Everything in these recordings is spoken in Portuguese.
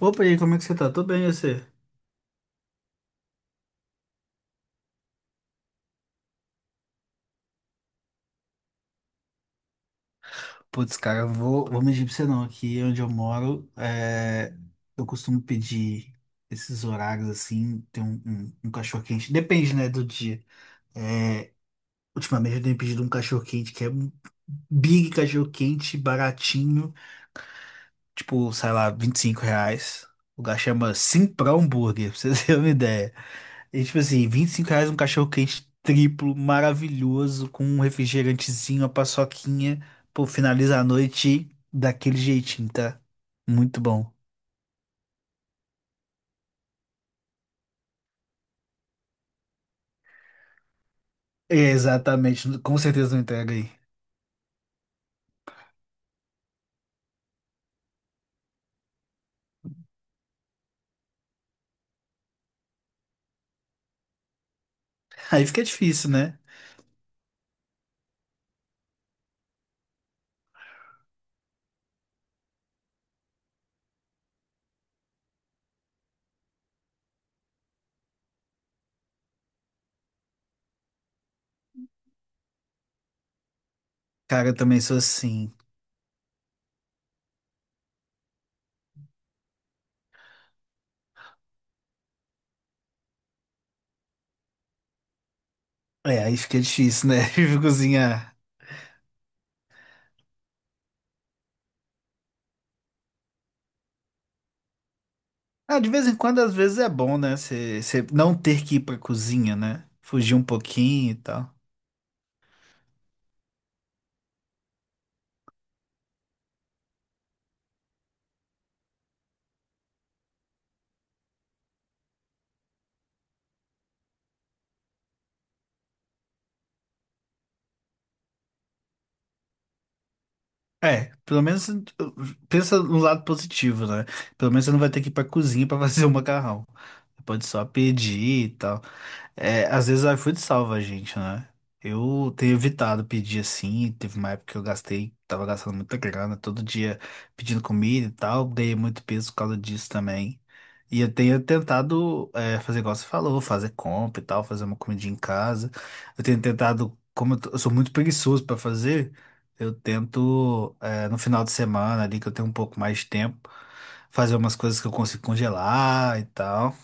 Opa, e aí, como é que você tá? Tô bem, e você? Putz, cara, eu vou mentir pra você não. Aqui onde eu moro, eu costumo pedir esses horários assim, tem um cachorro-quente. Depende, né, do dia. É, ultimamente eu tenho pedido um cachorro-quente que é um big cachorro-quente, baratinho. Tipo, sei lá, R$ 25. O lugar chama Simprão Burger, pra vocês terem uma ideia. E tipo assim, R$ 25 um cachorro quente triplo, maravilhoso, com um refrigerantezinho, uma paçoquinha. Pô, finaliza a noite daquele jeitinho, tá? Muito bom. Exatamente, com certeza não entrega aí. Aí fica difícil, né? Cara, eu também sou assim. É, aí fica difícil, né? Eu cozinhar. Ah, de vez em quando, às vezes é bom, né? Você não ter que ir pra cozinha, né? Fugir um pouquinho e tal. É, pelo menos pensa no lado positivo, né? Pelo menos você não vai ter que ir pra cozinha pra fazer o macarrão. Você pode só pedir e tal. É, às vezes o iFood salva a gente, né? Eu tenho evitado pedir assim. Teve uma época que eu gastei, tava gastando muita grana, todo dia pedindo comida e tal. Dei muito peso por causa disso também. E eu tenho tentado fazer igual você falou, fazer compra e tal, fazer uma comidinha em casa. Eu tenho tentado, como eu, eu sou muito preguiçoso pra fazer, eu tento no final de semana ali que eu tenho um pouco mais de tempo, fazer umas coisas que eu consigo congelar e tal.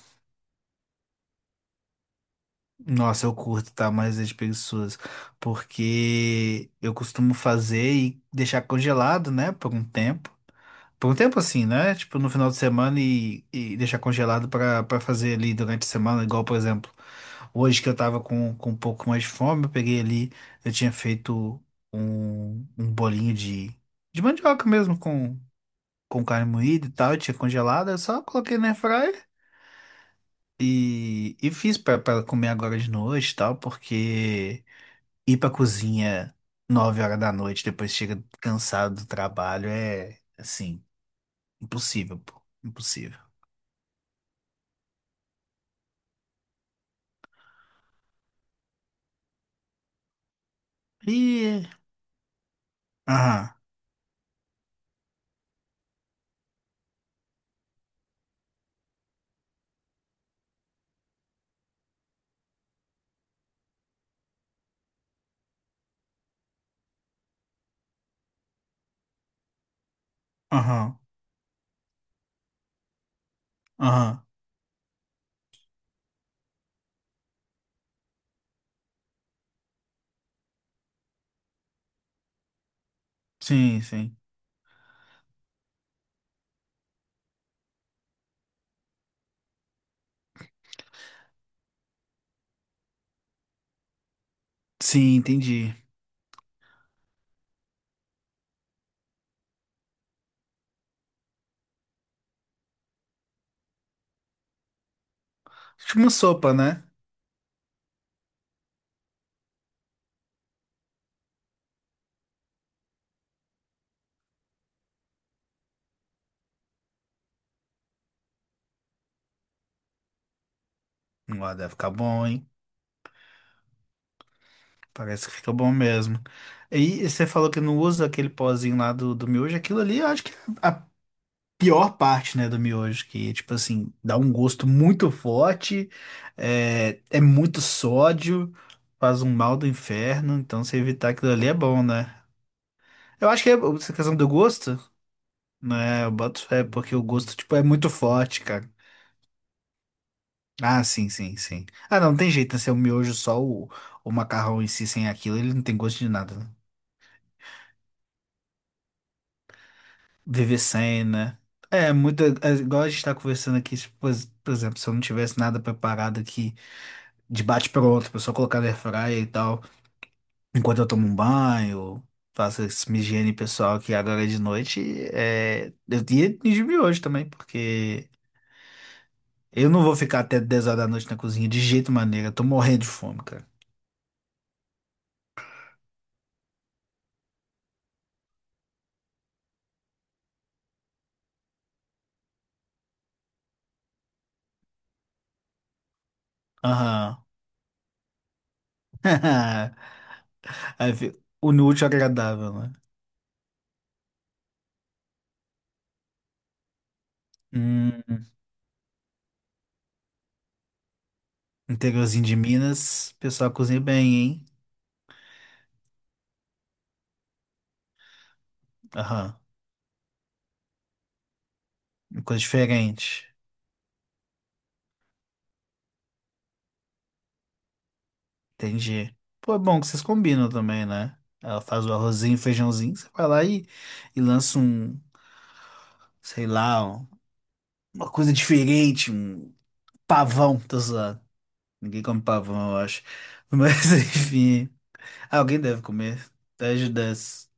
Nossa, eu curto, tá? Mais as preguiçosas. Porque eu costumo fazer e deixar congelado, né? Por um tempo. Por um tempo assim, né? Tipo, no final de semana e deixar congelado pra fazer ali durante a semana. Igual, por exemplo, hoje que eu tava com um pouco mais de fome, eu peguei ali, eu tinha feito um bolinho de mandioca mesmo com carne moída e tal. Eu tinha congelado, eu só coloquei na airfryer. E fiz pra comer agora de noite e tal, porque ir pra cozinha 9 horas da noite, depois chega cansado do trabalho, é assim, impossível, pô. Impossível. E. Aham, aham, aham. Sim, sim. Sim, entendi. Tipo uma sopa, né? Ó, deve ficar bom, hein? Parece que fica bom mesmo. E você falou que não usa aquele pozinho lá do miojo, aquilo ali, eu acho que pior parte, né, do miojo, que, tipo assim, dá um gosto muito forte, é muito sódio, faz um mal do inferno, então se evitar aquilo ali é bom, né? Eu acho que é essa questão do gosto, né, eu boto fé, porque o gosto, tipo, é muito forte, cara. Ah, sim, sim, sim. Ah, não, não tem jeito, né, se é o miojo só o macarrão em si, sem aquilo, ele não tem gosto de nada, né? Viver sem, né? É, muito, igual a gente tá conversando aqui, tipo, por exemplo, se eu não tivesse nada preparado aqui, de bate-pronto, pra só colocar na airfryer e tal. Enquanto eu tomo um banho, faço essa minha higiene pessoal aqui agora é de noite. Eu ia me hoje também, porque eu não vou ficar até 10 horas da noite na cozinha de jeito maneira. Eu tô morrendo de fome, cara. Aham. Aí fica o inútil agradável, né? Hum, interiorzinho de Minas, o pessoal cozinha bem, hein? Aham. Coisa diferente. Entendi. Pô, é bom que vocês combinam também, né? Ela faz o arrozinho, feijãozinho, você vai lá e lança um, sei lá, uma coisa diferente, um pavão, tô zoando. Ninguém come pavão, eu acho. Mas enfim, ah, alguém deve comer. 10 de 10.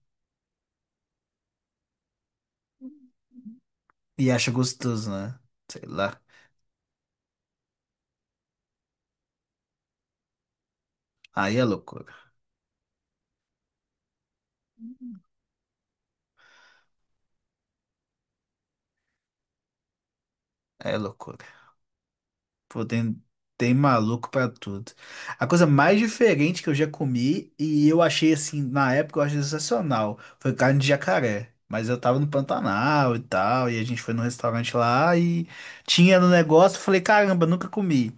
E acha gostoso, né? Sei lá. Aí é loucura. Aí é loucura. Pô, tem maluco pra tudo. A coisa mais diferente que eu já comi e eu achei assim, na época eu achei sensacional, foi carne de jacaré. Mas eu tava no Pantanal e tal, e a gente foi num restaurante lá e tinha no negócio, eu falei, caramba, nunca comi.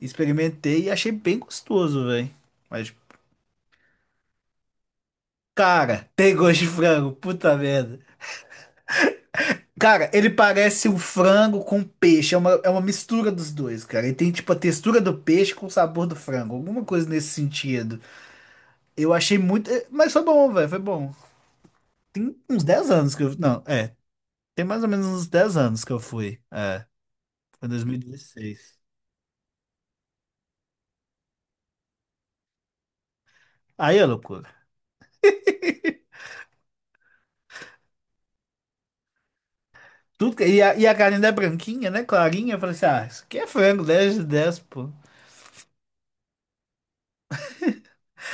Experimentei e achei bem gostoso, velho. Mas, cara, tem gosto de frango, puta merda. Cara, ele parece um frango com peixe. É uma mistura dos dois, cara. Ele tem, tipo, a textura do peixe com o sabor do frango. Alguma coisa nesse sentido. Eu achei muito. Mas foi bom, velho. Foi bom. Tem uns 10 anos que eu. Não, é. Tem mais ou menos uns 10 anos que eu fui. É. Foi em 2016. Aí é loucura. Tudo que... E a carne é branquinha, né? Clarinha. Eu falei assim: ah, isso aqui é frango, 10 de 10 pô.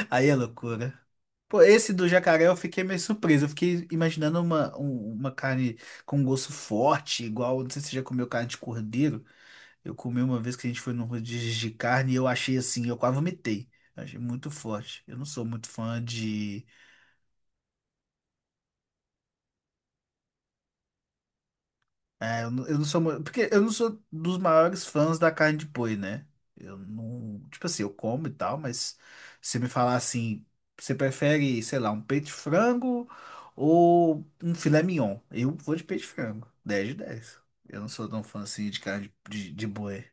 Aí é loucura. Pô, esse do jacaré eu fiquei meio surpreso. Eu fiquei imaginando uma carne com gosto forte, igual. Não sei se você já comeu carne de cordeiro. Eu comi uma vez que a gente foi num rodízio de carne e eu achei assim, eu quase vomitei. Eu achei muito forte. Eu não sou muito fã de. É, eu não sou. Porque eu não sou dos maiores fãs da carne de boi, né? Eu não. Tipo assim, eu como e tal, mas se me falar assim, você prefere, sei lá, um peito de frango ou um filé mignon? Eu vou de peito de frango. Dez de 10. Eu não sou tão fã assim de carne de boi.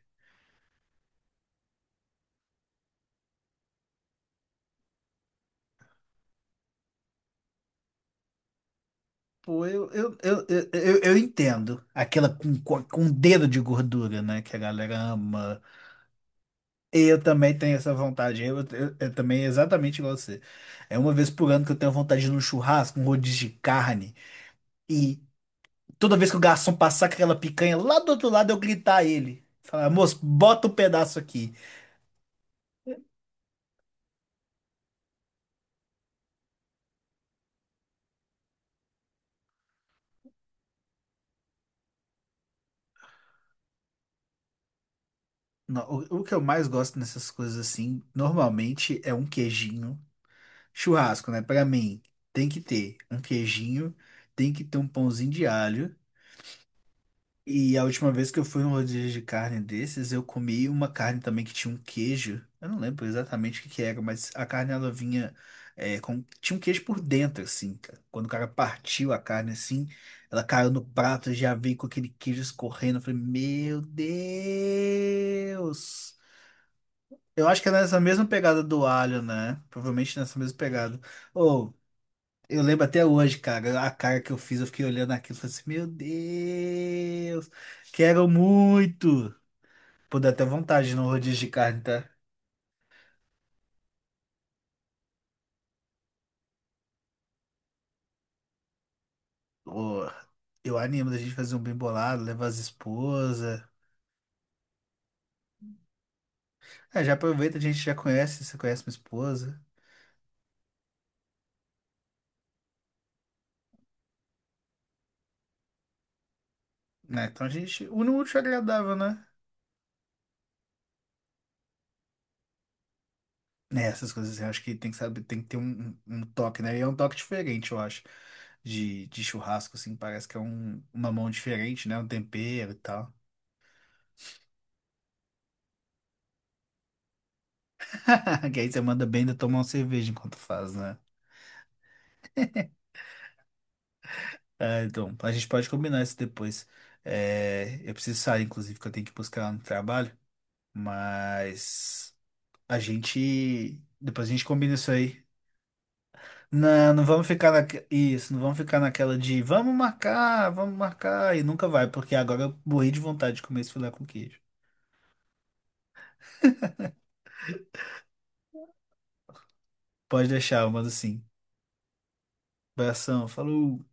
Pô, eu entendo aquela com um dedo de gordura, né? Que a galera ama. Eu também tenho essa vontade. Eu também, exatamente igual você. É uma vez por ano que eu tenho vontade de ir num churrasco, um rodízio de carne. E toda vez que o garçom passar com aquela picanha lá do outro lado, eu gritar a ele. Falar, moço, bota um pedaço aqui. No- o que eu mais gosto nessas coisas assim, normalmente é um queijinho. Churrasco, né? Pra mim, tem que ter um queijinho, tem que ter um pãozinho de alho. E a última vez que eu fui em um rodízio de carne desses, eu comi uma carne também que tinha um queijo. Eu não lembro exatamente o que que era, mas a carne ela vinha com, tinha um queijo por dentro, assim, cara. Quando o cara partiu a carne assim, ela caiu no prato, já veio com aquele queijo escorrendo. Eu falei, meu Deus! Eu acho que é nessa mesma pegada do alho, né? Provavelmente nessa mesma pegada. Ô, eu lembro até hoje, cara, a cara que eu fiz, eu fiquei olhando aquilo e falei assim, meu Deus, quero muito. Pô, dá até vontade no rodízio de carne, tá? Ô, eu animo da gente fazer um bem bolado, levar as esposas. É, já aproveita, a gente já conhece, você conhece minha esposa, né? Então a gente, une o útil ao agradável, né? Né, essas coisas assim, eu acho que tem que saber, tem que ter um toque, né? E é um toque diferente, eu acho, de churrasco, assim, parece que é uma mão diferente, né? Um tempero e tal. Que aí você manda bem ainda tomar uma cerveja enquanto faz, né? É, então, a gente pode combinar isso depois. É, eu preciso sair, inclusive, que eu tenho que buscar ela no trabalho. Mas a gente. Depois a gente combina isso aí. Não, não vamos ficar na... Isso, não vamos ficar naquela de vamos marcar, vamos marcar. E nunca vai, porque agora eu morri de vontade de comer esse filé com queijo. Pode deixar, eu mando sim. Abração, falou!